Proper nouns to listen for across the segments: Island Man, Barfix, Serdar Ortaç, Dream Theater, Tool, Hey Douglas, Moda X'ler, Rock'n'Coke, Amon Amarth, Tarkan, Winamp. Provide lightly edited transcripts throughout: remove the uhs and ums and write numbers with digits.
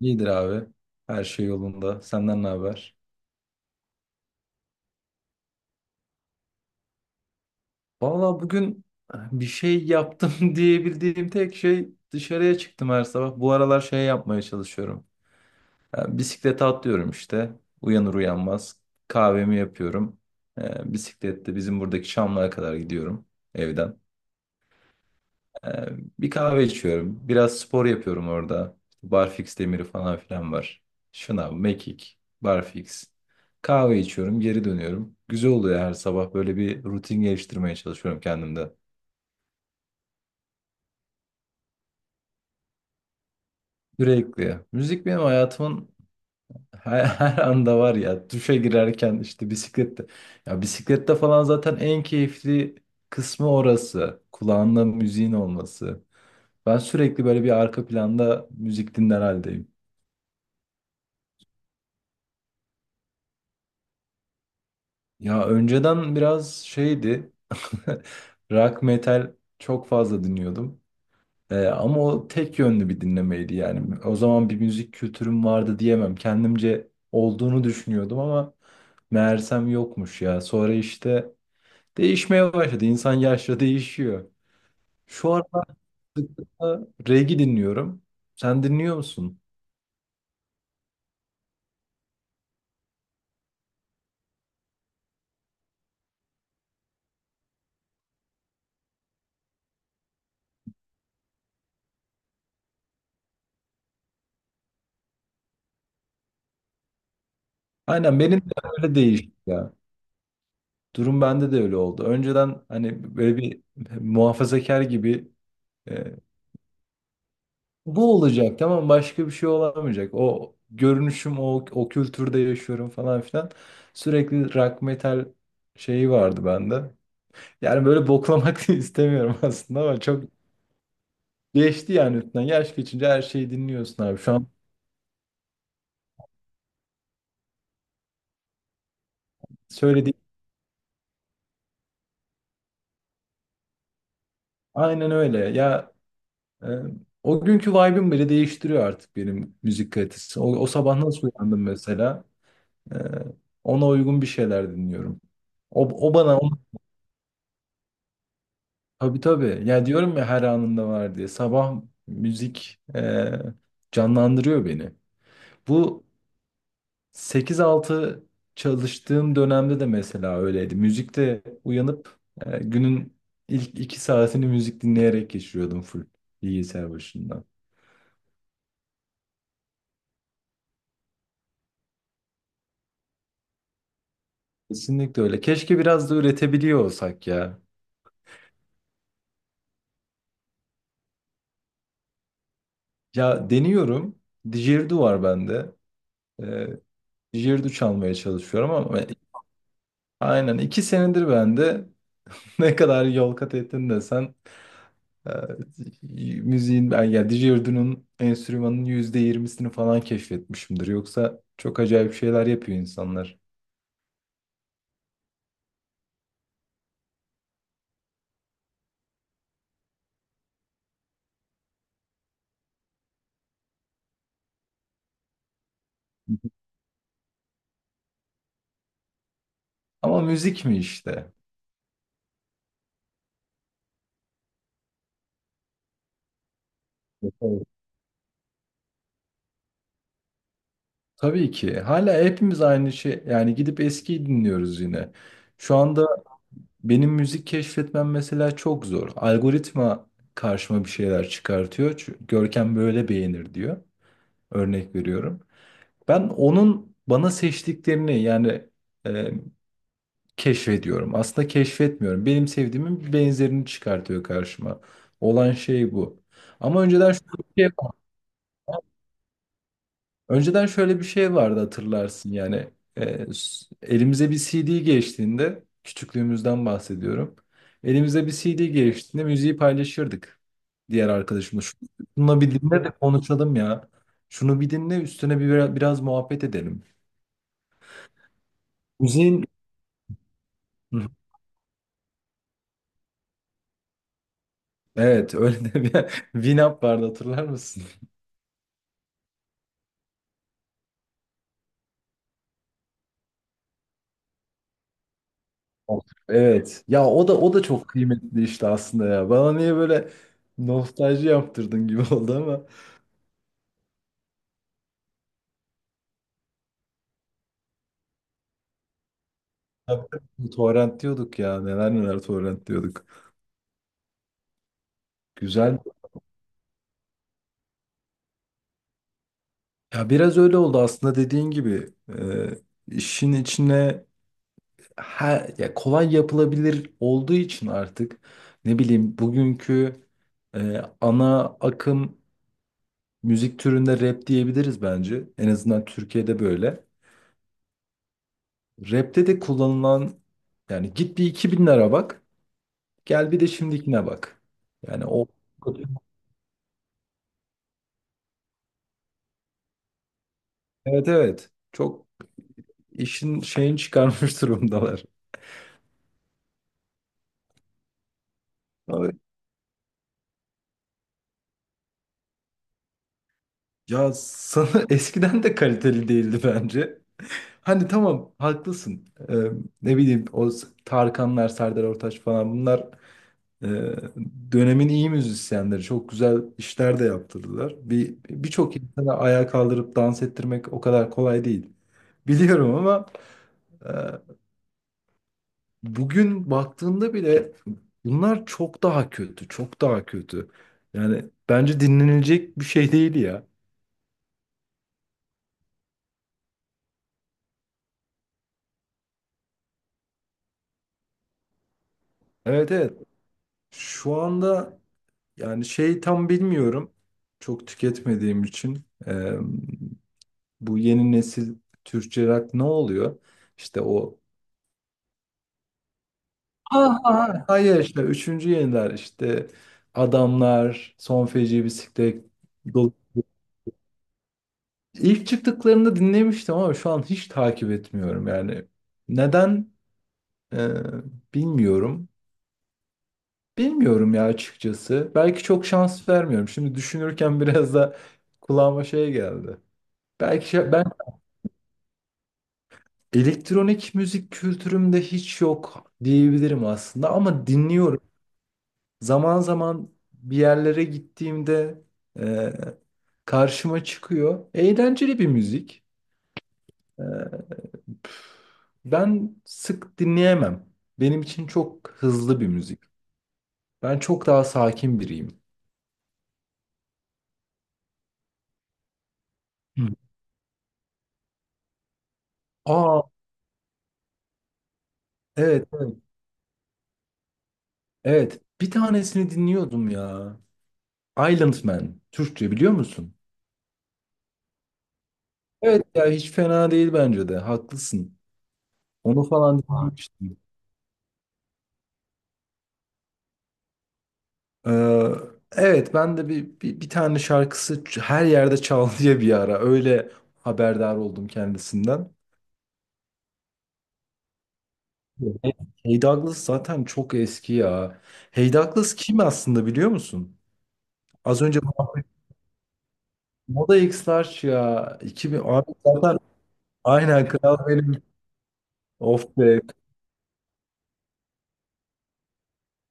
İyidir abi. Her şey yolunda. Senden ne haber? Valla bugün bir şey yaptım diyebildiğim tek şey dışarıya çıktım her sabah. Bu aralar şey yapmaya çalışıyorum. Yani bisiklete atlıyorum işte. Uyanır uyanmaz. Kahvemi yapıyorum. Bisiklette bizim buradaki Çamlı'ya kadar gidiyorum evden. Ee, bir kahve içiyorum. Biraz spor yapıyorum orada. İşte Barfix demiri falan filan var. Şınav, mekik, barfix. Kahve içiyorum, geri dönüyorum. Güzel oluyor, her sabah böyle bir rutin geliştirmeye çalışıyorum kendimde. Sürekli. Müzik benim hayatımın her anda var ya. Duşa girerken, işte bisiklette. Ya bisiklette falan zaten en keyifli kısmı orası. Kulağında müziğin olması. Ben sürekli böyle bir arka planda müzik dinler haldeyim. Ya önceden biraz şeydi. Rock metal çok fazla dinliyordum. Ama o tek yönlü bir dinlemeydi yani. O zaman bir müzik kültürüm vardı diyemem. Kendimce olduğunu düşünüyordum ama meğersem yokmuş ya. Sonra işte değişmeye başladı. İnsan yaşla değişiyor. Şu aralar sıklıkla reggae dinliyorum. Sen dinliyor musun? Aynen, benim de öyle değişti ya. Durum bende de öyle oldu. Önceden hani böyle bir muhafazakar gibi, e, bu olacak, tamam, başka bir şey olamayacak. O görünüşüm, o kültürde yaşıyorum falan filan. Sürekli rock metal şeyi vardı bende. Yani böyle boklamak da istemiyorum aslında ama çok geçti yani üstünden. Yaş geçince her şeyi dinliyorsun abi. Şu an söylediğim aynen öyle. Ya e, o günkü vibe'im bile değiştiriyor artık benim müzik kalitesi. O sabah nasıl uyandım mesela? E, ona uygun bir şeyler dinliyorum. O, o bana. Tabii tabii. Ya diyorum ya, her anında var diye. Sabah müzik canlandırıyor beni. Bu 8-6 çalıştığım dönemde de mesela öyleydi. Müzikte uyanıp günün ilk 2 saatini müzik dinleyerek geçiriyordum, full bilgisayar başında. Kesinlikle öyle. Keşke biraz da üretebiliyor olsak ya. Ya deniyorum. Didgeridoo var bende. E, didgeridoo çalmaya çalışıyorum ama aynen 2 senedir bende. Ne kadar yol kat ettin desen, e, müziğin ben ya DJ Erdun'un enstrümanının %20'sini falan keşfetmişimdir. Yoksa çok acayip şeyler yapıyor insanlar. Hı hı. Ama müzik mi işte? Evet. Tabii ki. Hala hepimiz aynı şey. Yani gidip eskiyi dinliyoruz yine. Şu anda benim müzik keşfetmem mesela çok zor. Algoritma karşıma bir şeyler çıkartıyor. Çünkü Görkem böyle beğenir diyor. Örnek veriyorum. Ben onun bana seçtiklerini yani e, keşfediyorum. Aslında keşfetmiyorum. Benim sevdiğimin benzerini çıkartıyor karşıma. Olan şey bu. Ama önceden şöyle bir şey vardı. Önceden şöyle bir şey vardı, hatırlarsın yani. Elimize bir CD geçtiğinde, küçüklüğümüzden bahsediyorum. Elimize bir CD geçtiğinde müziği paylaşırdık diğer arkadaşımla. Şunu bir dinle de konuşalım ya. Şunu bir dinle, üstüne bir biraz muhabbet edelim. Müziğin. Evet. Öyle de bir Winamp vardı, hatırlar mısın? Of. Evet. Ya o da o da çok kıymetli işte aslında ya. Bana niye böyle nostalji yaptırdın gibi oldu ama. Tabii, torrent diyorduk ya. Neler neler torrent diyorduk. Güzel. Ya biraz öyle oldu aslında, dediğin gibi. Ee, işin içine ya, kolay yapılabilir olduğu için artık ne bileyim, bugünkü ana akım müzik türünde rap diyebiliriz bence. En azından Türkiye'de böyle. Rap'te de kullanılan yani, git bir 2000'lere bak. Gel bir de şimdikine bak. Yani o evet evet. Çok işin şeyini çıkarmış durumdalar. Abi, ya sana eskiden de kaliteli değildi bence. Hani tamam, haklısın. Ne bileyim, o Tarkanlar, Serdar Ortaç falan bunlar, Ee, dönemin iyi müzisyenleri, çok güzel işler de yaptırdılar. Birçok insanı ayağa kaldırıp dans ettirmek o kadar kolay değil. Biliyorum ama e, bugün baktığında bile bunlar çok daha kötü, çok daha kötü. Yani bence dinlenilecek bir şey değil ya. Evet evet. Şu anda yani şey, tam bilmiyorum. Çok tüketmediğim için bu yeni nesil Türkçe rock ne oluyor? İşte o Ha, hayır işte üçüncü yeniler işte adamlar, son feci bisiklet, dolu. İlk çıktıklarında dinlemiştim ama şu an hiç takip etmiyorum yani. Neden? Ee, bilmiyorum. Bilmiyorum ya açıkçası. Belki çok şans vermiyorum. Şimdi düşünürken biraz da kulağıma şey geldi. Belki ben, elektronik müzik kültürümde hiç yok diyebilirim aslında ama dinliyorum. Zaman zaman bir yerlere gittiğimde ee, karşıma çıkıyor. Eğlenceli bir müzik. Ee, ben sık dinleyemem. Benim için çok hızlı bir müzik. Ben çok daha sakin biriyim. Hı. Aa, evet evet. Evet. Bir tanesini dinliyordum ya. Island Man. Türkçe biliyor musun? Evet ya, hiç fena değil bence de. Haklısın. Onu falan dinlemiştim. Ee, evet, ben de bir tane şarkısı her yerde çal diye bir ara. Öyle haberdar oldum kendisinden. Hey Hey Douglas zaten çok eski ya. Hey Douglas kim aslında, biliyor musun? Az önce Moda X'ler ya. 2000 abi zaten, aynen kral benim. Of be.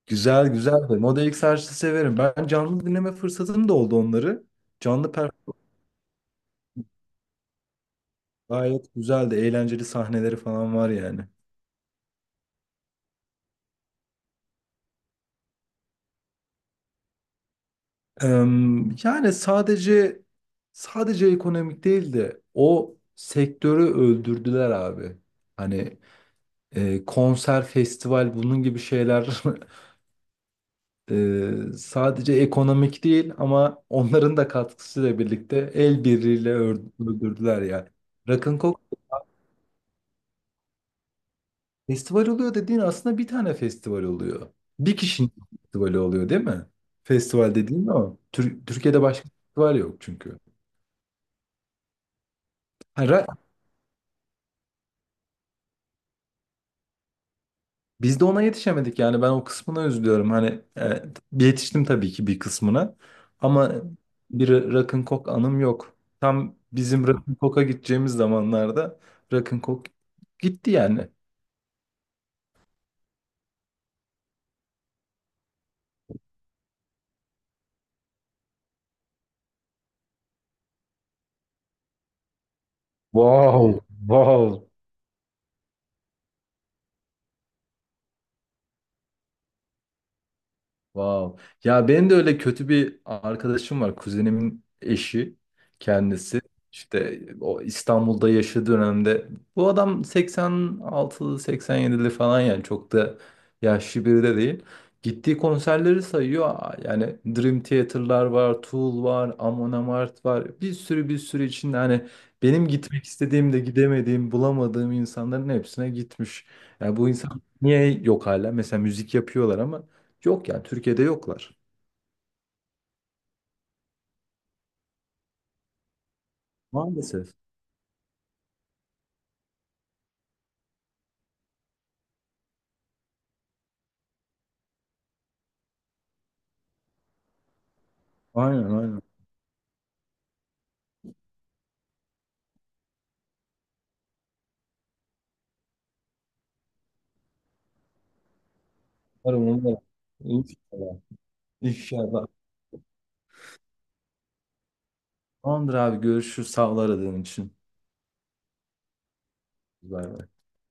Güzel güzel de. Moda X'ler severim. Ben canlı dinleme fırsatım da oldu onları. Canlı performans gayet güzeldi. Eğlenceli sahneleri falan var yani. Yani sadece ekonomik değil de o sektörü öldürdüler abi. Hani konser, festival bunun gibi şeyler, sadece ekonomik değil ama onların da katkısıyla birlikte el birliğiyle öldürdüler yani. Rock'n'Coke festival oluyor dediğin, aslında bir tane festival oluyor. Bir kişinin festivali oluyor değil mi? Festival dediğin o. Türkiye'de başka festival yok çünkü. Ha, biz de ona yetişemedik yani, ben o kısmına üzülüyorum. Hani yetiştim tabii ki bir kısmına ama bir rock'n'cock anım yok. Tam bizim rock'n'cock'a gideceğimiz zamanlarda rock'n'cock gitti yani. Wow, wow. Wow. Ya benim de öyle kötü bir arkadaşım var. Kuzenimin eşi kendisi. İşte o İstanbul'da yaşadığı dönemde, bu adam 86'lı 87'li falan yani, çok da yaşlı biri de değil. Gittiği konserleri sayıyor. Aa, yani Dream Theater'lar var, Tool var, Amon Amarth var. Bir sürü bir sürü içinde hani benim gitmek istediğim de gidemediğim, bulamadığım insanların hepsine gitmiş. Yani bu insan niye yok hala? Mesela müzik yapıyorlar ama. Yok yani, Türkiye'de yoklar. Maalesef. Aynen aynen. Umarım umarım. İnşallah. İnşallah. Tamamdır abi, görüşürüz. Sağ ol aradığın için. Bay bay.